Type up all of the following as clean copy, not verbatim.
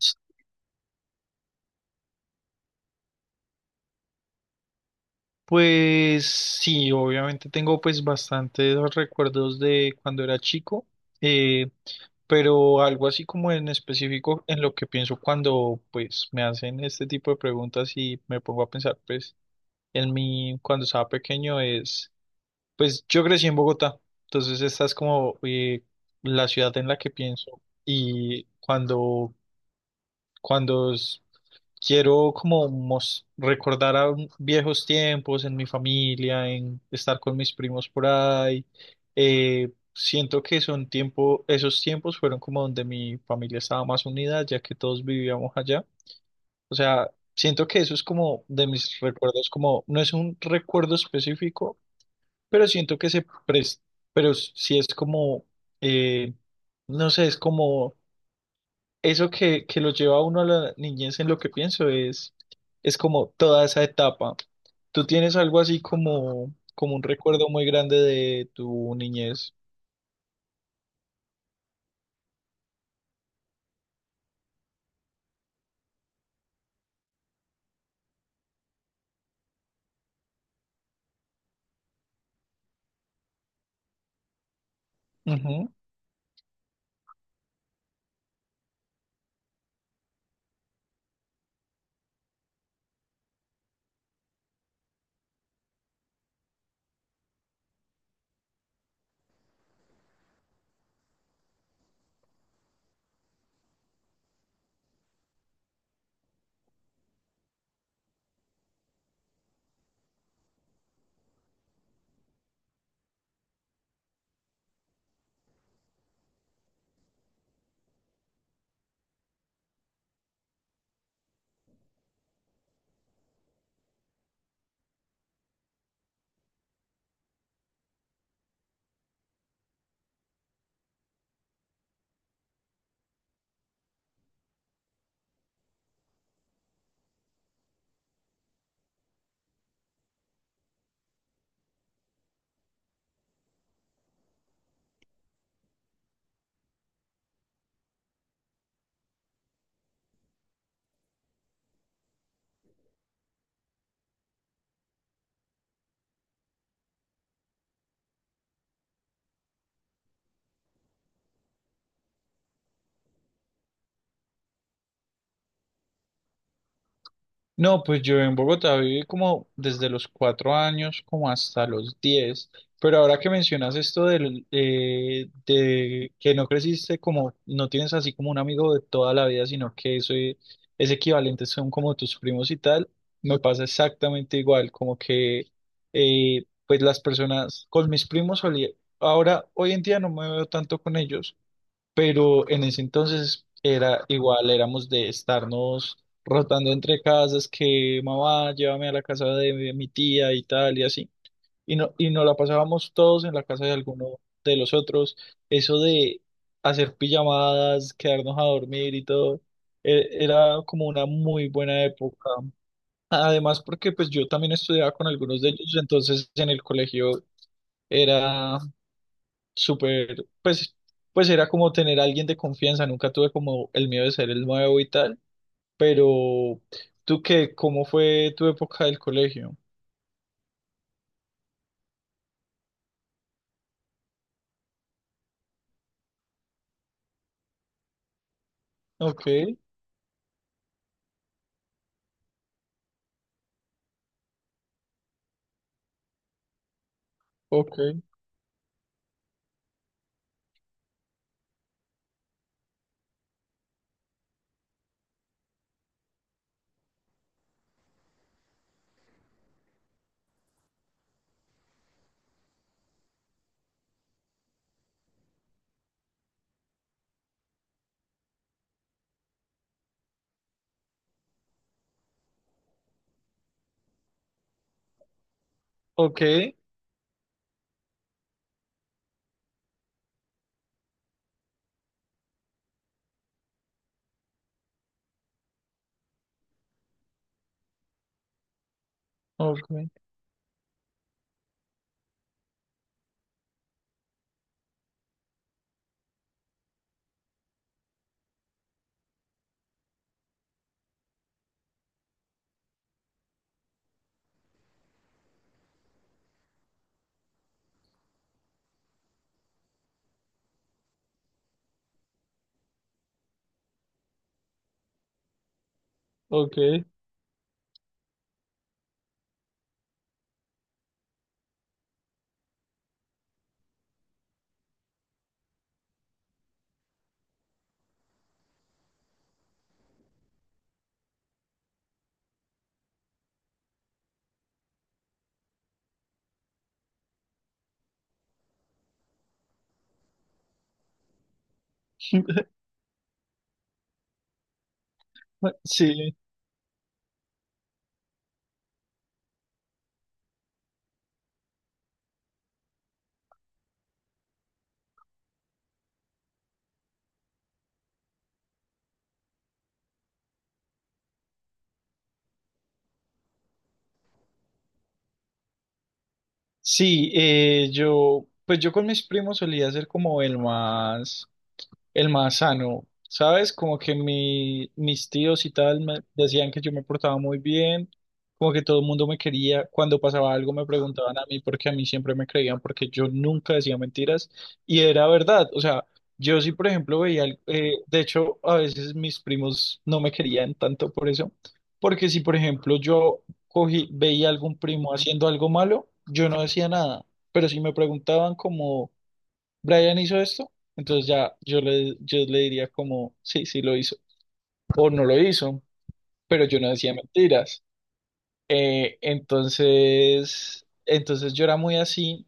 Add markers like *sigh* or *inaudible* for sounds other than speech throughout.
S- Pues sí, obviamente tengo pues bastantes recuerdos de cuando era chico, eh, pero algo así como en específico en lo que pienso cuando pues me hacen este tipo de preguntas y me pongo a pensar pues en mí cuando estaba pequeño es pues yo crecí en Bogotá, entonces esta es como la ciudad en la que pienso y cuando s- quiero como recordar a viejos tiempos en mi familia, en estar con mis primos por ahí. Siento que esos tiempos fueron como donde mi familia estaba más unida, ya que todos vivíamos allá. O sea, siento que eso es como de mis recuerdos, como no es un recuerdo específico, pero siento que se presta, pero sí es como, eh, no sé, es como eso que lo lleva a uno a la niñez en lo que es como toda esa etapa. ¿Tú tienes algo así como, como un recuerdo muy grande de tu niñez? No, pues yo en Bogotá viví como desde los cuatro años como hasta los diez, pero ahora que mencionas esto de que no creciste como, no tienes así como un amigo de toda la vida, sino que ese equivalente son como tus primos y tal, me pasa exactamente igual, como que pues las personas, con mis primos solía, ahora hoy en día no me veo tanto con ellos, pero en ese entonces era igual, éramos de estarnos rotando entre casas, que mamá, llévame a la casa de mi tía y tal y así, y no, y nos la pasábamos todos en la casa de alguno de los otros, eso de hacer pijamadas, quedarnos a dormir y todo, era como una muy buena época. Además, porque pues yo también estudiaba con algunos de ellos, entonces en el colegio era súper, pues, pues era como tener a alguien de confianza, nunca tuve como el miedo de ser el nuevo y tal, pero ¿tú qué? ¿Cómo fue tu época del colegio? Ok, ok, ok, ok, ok. *laughs* Sí, sí, yo, pues yo con mis primos solía ser como el más sano, ¿sabes? Como que mis tíos y tal me decían que yo me portaba muy bien, como que todo el mundo me quería, cuando pasaba algo me preguntaban a mí porque a mí siempre me creían porque yo nunca decía mentiras y era verdad, o sea, yo sí, por ejemplo, veía, de hecho, a veces mis primos no me querían tanto por eso, porque si, por ejemplo, veía a algún primo haciendo algo malo, yo no decía nada, pero si me preguntaban como Brian hizo esto, entonces ya yo le diría como, sí, sí lo hizo, o no lo hizo, pero yo no decía mentiras. Entonces yo era muy así,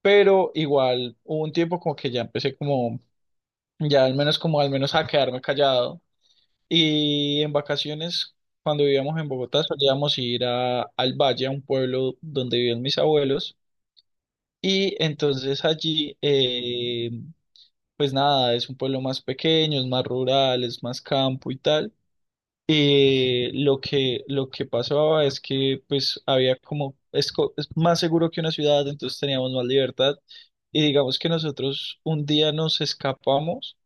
pero igual hubo un tiempo como que ya empecé como, ya al menos como al menos a quedarme callado. Y en vacaciones, cuando vivíamos en Bogotá, solíamos ir a, al valle, a un pueblo donde vivían mis abuelos. Y entonces allí pues nada, es un pueblo más pequeño, es más rural, es más campo y tal. Lo que pasaba es que pues había como, es más seguro que una ciudad, entonces teníamos más libertad. Y digamos que nosotros un día nos escapamos,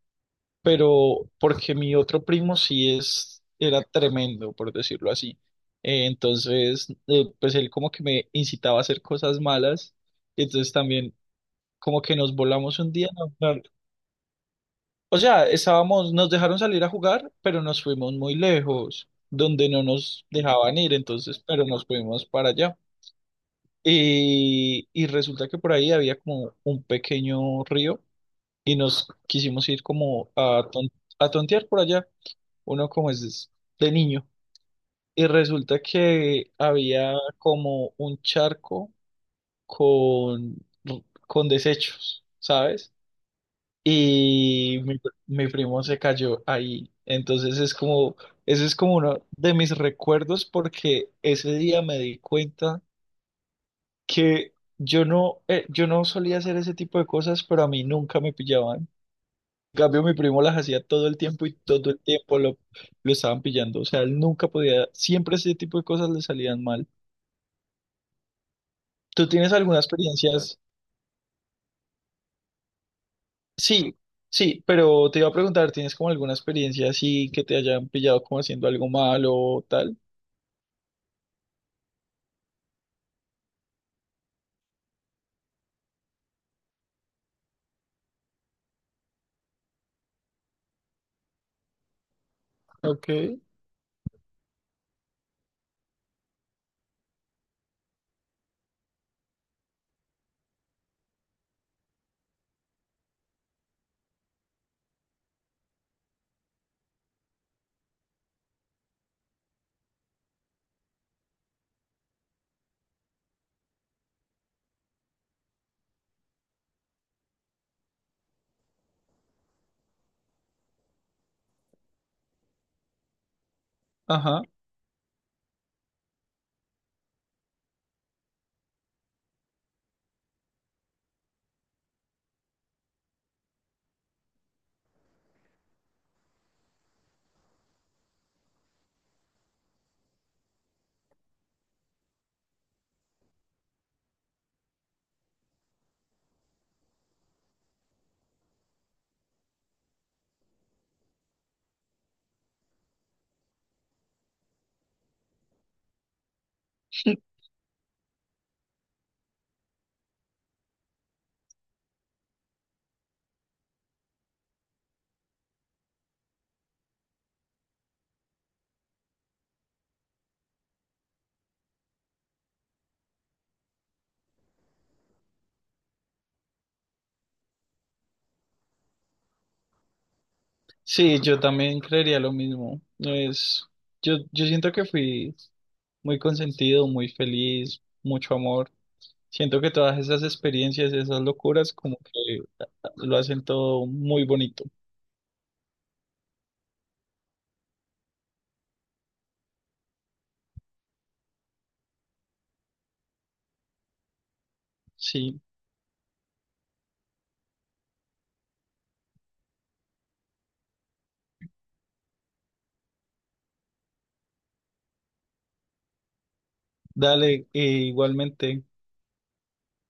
pero porque mi otro primo era tremendo, por decirlo así. Pues él como que me incitaba a hacer cosas malas. Y entonces también como que nos volamos un día, no, no, o sea, estábamos, nos dejaron salir a jugar, pero nos fuimos muy lejos, donde no nos dejaban ir, entonces, pero nos fuimos para allá. Y resulta que por ahí había como un pequeño río y nos quisimos ir como a tontear por allá, uno como es de niño. Y resulta que había como un charco con, con desechos, ¿sabes? Y mi primo se cayó ahí. Entonces es como, ese es como uno de mis recuerdos porque ese día me di cuenta que yo no, yo no solía hacer ese tipo de cosas, pero a mí nunca me pillaban. En cambio, mi primo las hacía todo el tiempo y todo el tiempo lo estaban pillando. O sea, él nunca podía, siempre ese tipo de cosas le salían mal. ¿Tú tienes alguna experiencia? Sí, sí, pero te iba a preguntar, ¿tienes como alguna experiencia así que te hayan pillado como haciendo algo malo o tal? Ok, ajá. Sí, yo también creería lo mismo. No es, yo siento que fui muy consentido, muy feliz, mucho amor. Siento que todas esas experiencias, esas locuras, como que lo hacen todo muy bonito. Sí, dale, igualmente.